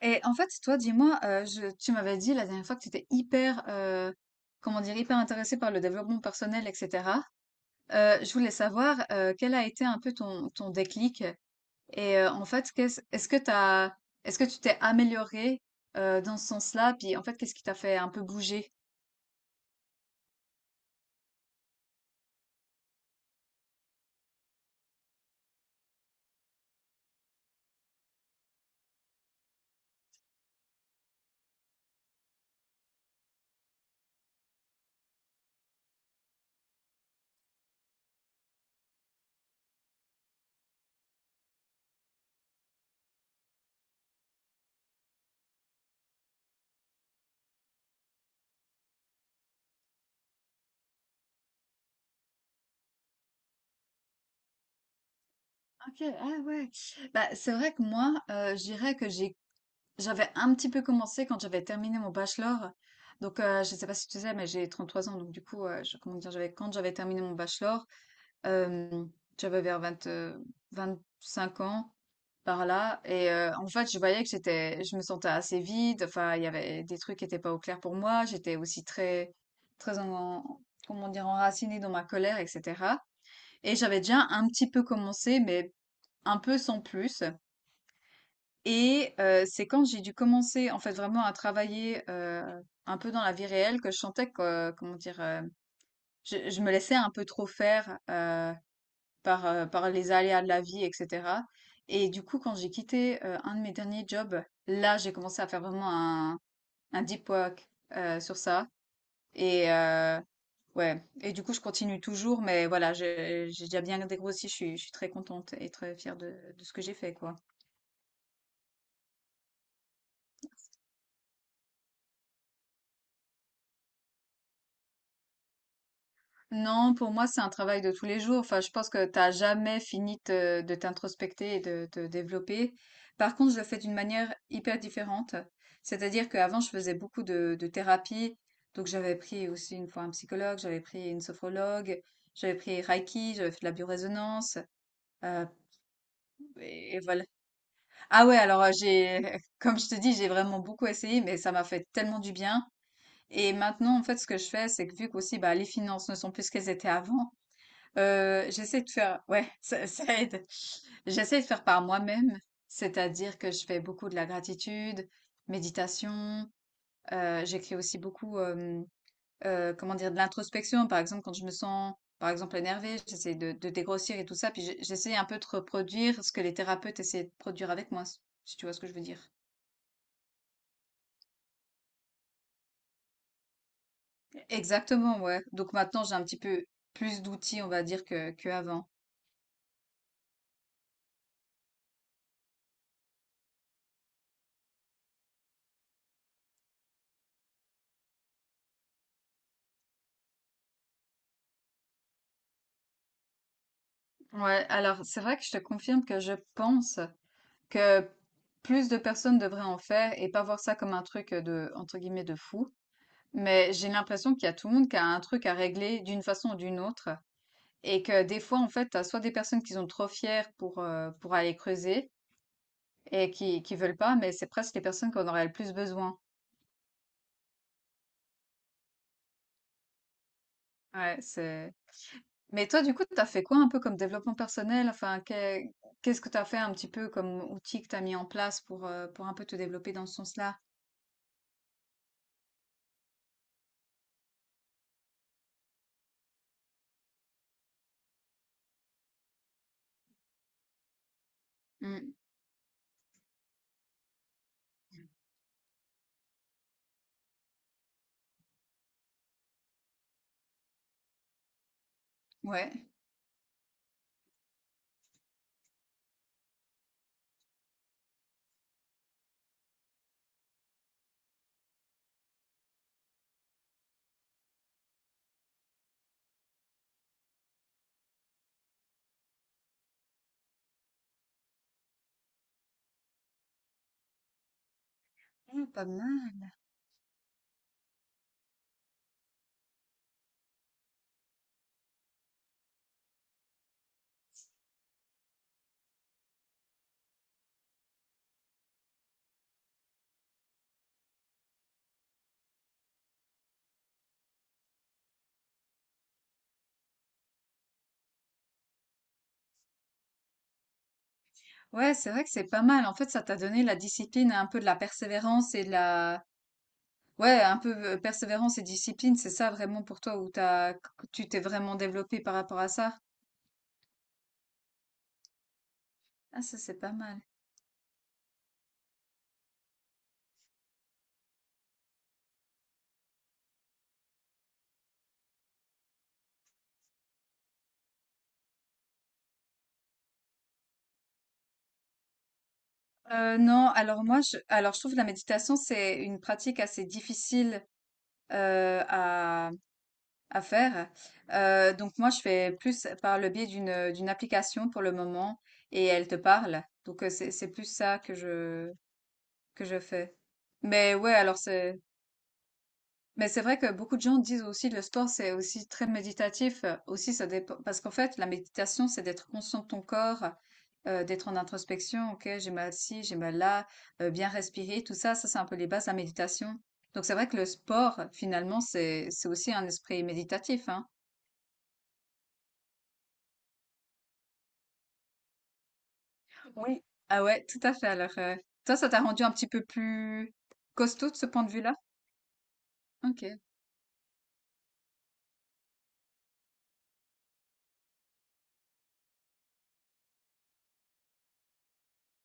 Et en fait, toi, dis-moi, tu m'avais dit la dernière fois que tu étais hyper, hyper intéressée par le développement personnel, etc. Je voulais savoir quel a été un peu ton déclic et en fait, est-ce que est-ce que tu t'es améliorée dans ce sens-là? Puis en fait, qu'est-ce qui t'a fait un peu bouger? Ok, ah ouais. Bah, c'est vrai que moi, je dirais que j'avais un petit peu commencé quand j'avais terminé mon bachelor. Donc, je ne sais pas si tu sais, mais j'ai 33 ans. Donc, du coup, comment dire, j'avais, quand j'avais terminé mon bachelor, euh, j'avais vers 20 cinq ans par là. Et en fait, je voyais que je me sentais assez vide. Enfin, il y avait des trucs qui n'étaient pas au clair pour moi. J'étais aussi très, très en, comment dire, enracinée dans ma colère, etc. Et j'avais déjà un petit peu commencé, mais un peu sans plus. Et c'est quand j'ai dû commencer en fait vraiment à travailler un peu dans la vie réelle que je sentais que, je me laissais un peu trop faire par, par les aléas de la vie, etc. Et du coup, quand j'ai quitté un de mes derniers jobs, là, j'ai commencé à faire vraiment un deep work sur ça. Et euh, ouais, et du coup, je continue toujours, mais voilà, j'ai déjà bien dégrossi, je suis très contente et très fière de ce que j'ai fait, quoi. Non, pour moi, c'est un travail de tous les jours. Enfin, je pense que t'as jamais fini de t'introspecter et de te développer. Par contre, je le fais d'une manière hyper différente. C'est-à-dire qu'avant, je faisais beaucoup de thérapie. Donc, j'avais pris aussi une fois un psychologue, j'avais pris une sophrologue, j'avais pris Reiki, j'avais fait de la biorésonance. euh, et voilà. Ah ouais, alors j'ai, comme je te dis, j'ai vraiment beaucoup essayé, mais ça m'a fait tellement du bien. Et maintenant, en fait, ce que je fais, c'est que vu qu'aussi, bah, les finances ne sont plus ce qu'elles étaient avant, j'essaie de faire, ouais, ça aide. J'essaie de faire par moi-même, c'est-à-dire que je fais beaucoup de la gratitude, méditation. J'écris aussi beaucoup, comment dire, de l'introspection. Par exemple, quand je me sens, par exemple, énervée, j'essaie de dégrossir et tout ça. Puis j'essaie un peu de reproduire ce que les thérapeutes essaient de produire avec moi, si tu vois ce que je veux dire. Exactement, ouais. Donc maintenant, j'ai un petit peu plus d'outils, on va dire, que avant. Ouais, alors c'est vrai que je te confirme que je pense. Que plus de personnes devraient en faire et pas voir ça comme un truc entre guillemets, de fou. Mais j'ai l'impression qu'il y a tout le monde qui a un truc à régler d'une façon ou d'une autre. Et que des fois, en fait, t'as soit des personnes qui sont trop fières pour aller creuser qui veulent pas, mais c'est presque les personnes qu'on aurait le plus besoin. Ouais, c'est... Mais toi, du coup, t'as fait quoi un peu comme développement personnel? Enfin, qu'est-ce que t'as fait un petit peu comme outil que t'as mis en place pour un peu te développer dans ce sens-là? Mm. Ouais. Mm, pas mal. Ouais, c'est vrai que c'est pas mal. En fait, ça t'a donné la discipline, et un peu de la persévérance et de la... Ouais, un peu persévérance et discipline, c'est ça vraiment pour toi où tu t'es vraiment développé par rapport à ça? Ah, ça, c'est pas mal. Non, alors moi, alors je trouve que la méditation, c'est une pratique assez difficile euh, à, à faire. Donc moi, je fais plus par le biais d'une application pour le moment et elle te parle. Donc c'est plus ça que je fais. Mais ouais, alors c'est... Mais c'est vrai que beaucoup de gens disent aussi le sport, c'est aussi très méditatif. Aussi, ça dépend. Parce qu'en fait, la méditation, c'est d'être conscient de ton corps, d'être en introspection. Ok, j'ai mal ci, j'ai mal là, bien respirer, tout ça. Ça, c'est un peu les bases de la méditation. Donc, c'est vrai que le sport, finalement, c'est aussi un esprit méditatif, hein. Oui, ah ouais, tout à fait. Alors, toi, ça t'a rendu un petit peu plus costaud de ce point de vue-là? Ok.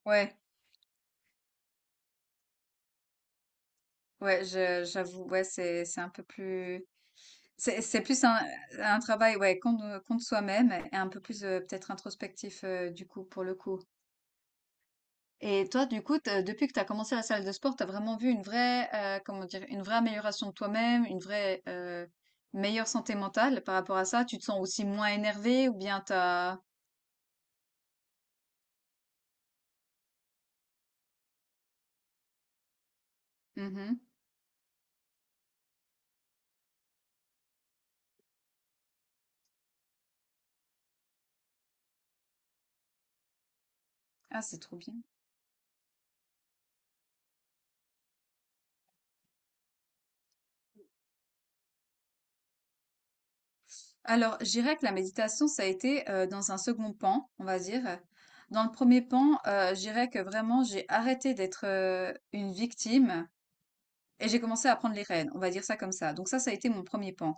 Ouais, j'avoue, ouais, c'est un peu plus. C'est plus un travail, ouais, contre soi-même et un peu plus, peut-être introspectif, du coup, pour le coup. Et toi, du coup, te depuis que tu as commencé la salle de sport, tu as vraiment vu une vraie, comment dire? Une vraie amélioration de toi-même, une vraie, meilleure santé mentale par rapport à ça? Tu te sens aussi moins énervé ou bien t'as as mmh. Ah, c'est trop bien. Alors, je dirais que la méditation, ça a été, dans un second pan, on va dire. Dans le premier pan, je dirais que vraiment j'ai arrêté d'être, une victime. Et j'ai commencé à prendre les rênes, on va dire ça comme ça. Donc ça a été mon premier pan.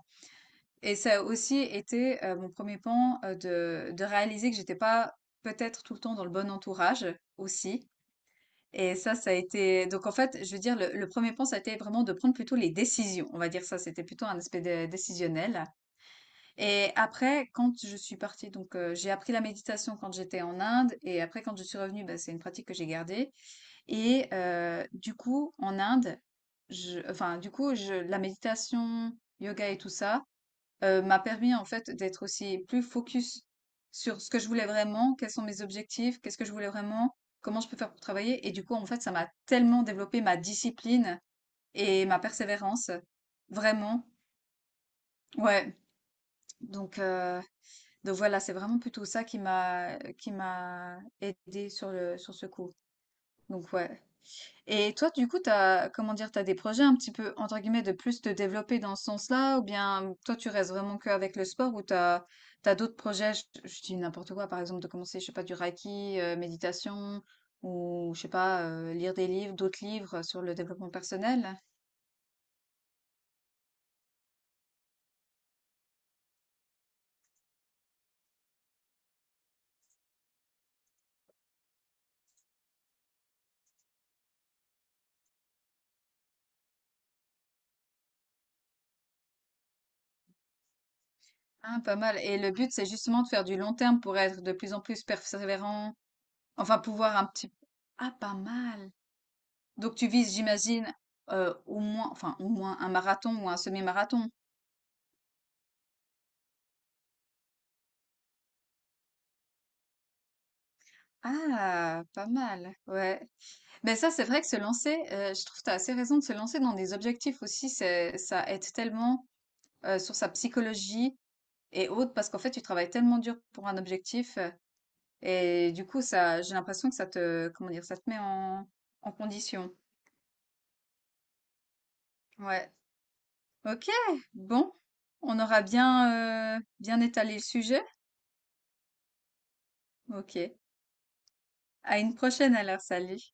Et ça a aussi été mon premier pan de réaliser que j'étais pas peut-être tout le temps dans le bon entourage aussi. Et ça a été... Donc en fait, je veux dire, le premier pan, ça a été vraiment de prendre plutôt les décisions. On va dire ça, c'était plutôt un aspect décisionnel. Et après, quand je suis partie, donc j'ai appris la méditation quand j'étais en Inde. Et après, quand je suis revenue, bah, c'est une pratique que j'ai gardée. Et du coup, en Inde, enfin, du coup, je, la méditation, yoga et tout ça m'a permis en fait d'être aussi plus focus sur ce que je voulais vraiment, quels sont mes objectifs, qu'est-ce que je voulais vraiment, comment je peux faire pour travailler. Et du coup, en fait, ça m'a tellement développé ma discipline et ma persévérance, vraiment. Ouais. Donc, euh, donc voilà, c'est vraiment plutôt ça qui m'a aidé sur le sur ce coup. Donc ouais. Et toi, du coup, t'as, comment dire, t'as des projets un petit peu, entre guillemets, de plus te développer dans ce sens-là, ou bien toi, tu restes vraiment qu'avec le sport, ou t'as, d'autres projets, je dis n'importe quoi, par exemple, de commencer, je sais pas, du reiki, méditation, ou je sais pas, lire des livres, d'autres livres sur le développement personnel. Ah, pas mal. Et le but, c'est justement de faire du long terme pour être de plus en plus persévérant, enfin, pouvoir un petit... Ah, pas mal. Donc, tu vises, j'imagine, au moins, enfin, au moins un marathon ou un semi-marathon. Ah, pas mal, ouais. Mais ça, c'est vrai que se lancer, je trouve que tu as assez raison de se lancer dans des objectifs aussi, c'est, ça aide tellement sur sa psychologie et autres, parce qu'en fait, tu travailles tellement dur pour un objectif, et du coup, ça, j'ai l'impression que ça te, comment dire, ça te met en condition. Ouais. Ok, bon, on aura bien, bien étalé le sujet. Ok. À une prochaine alors, salut.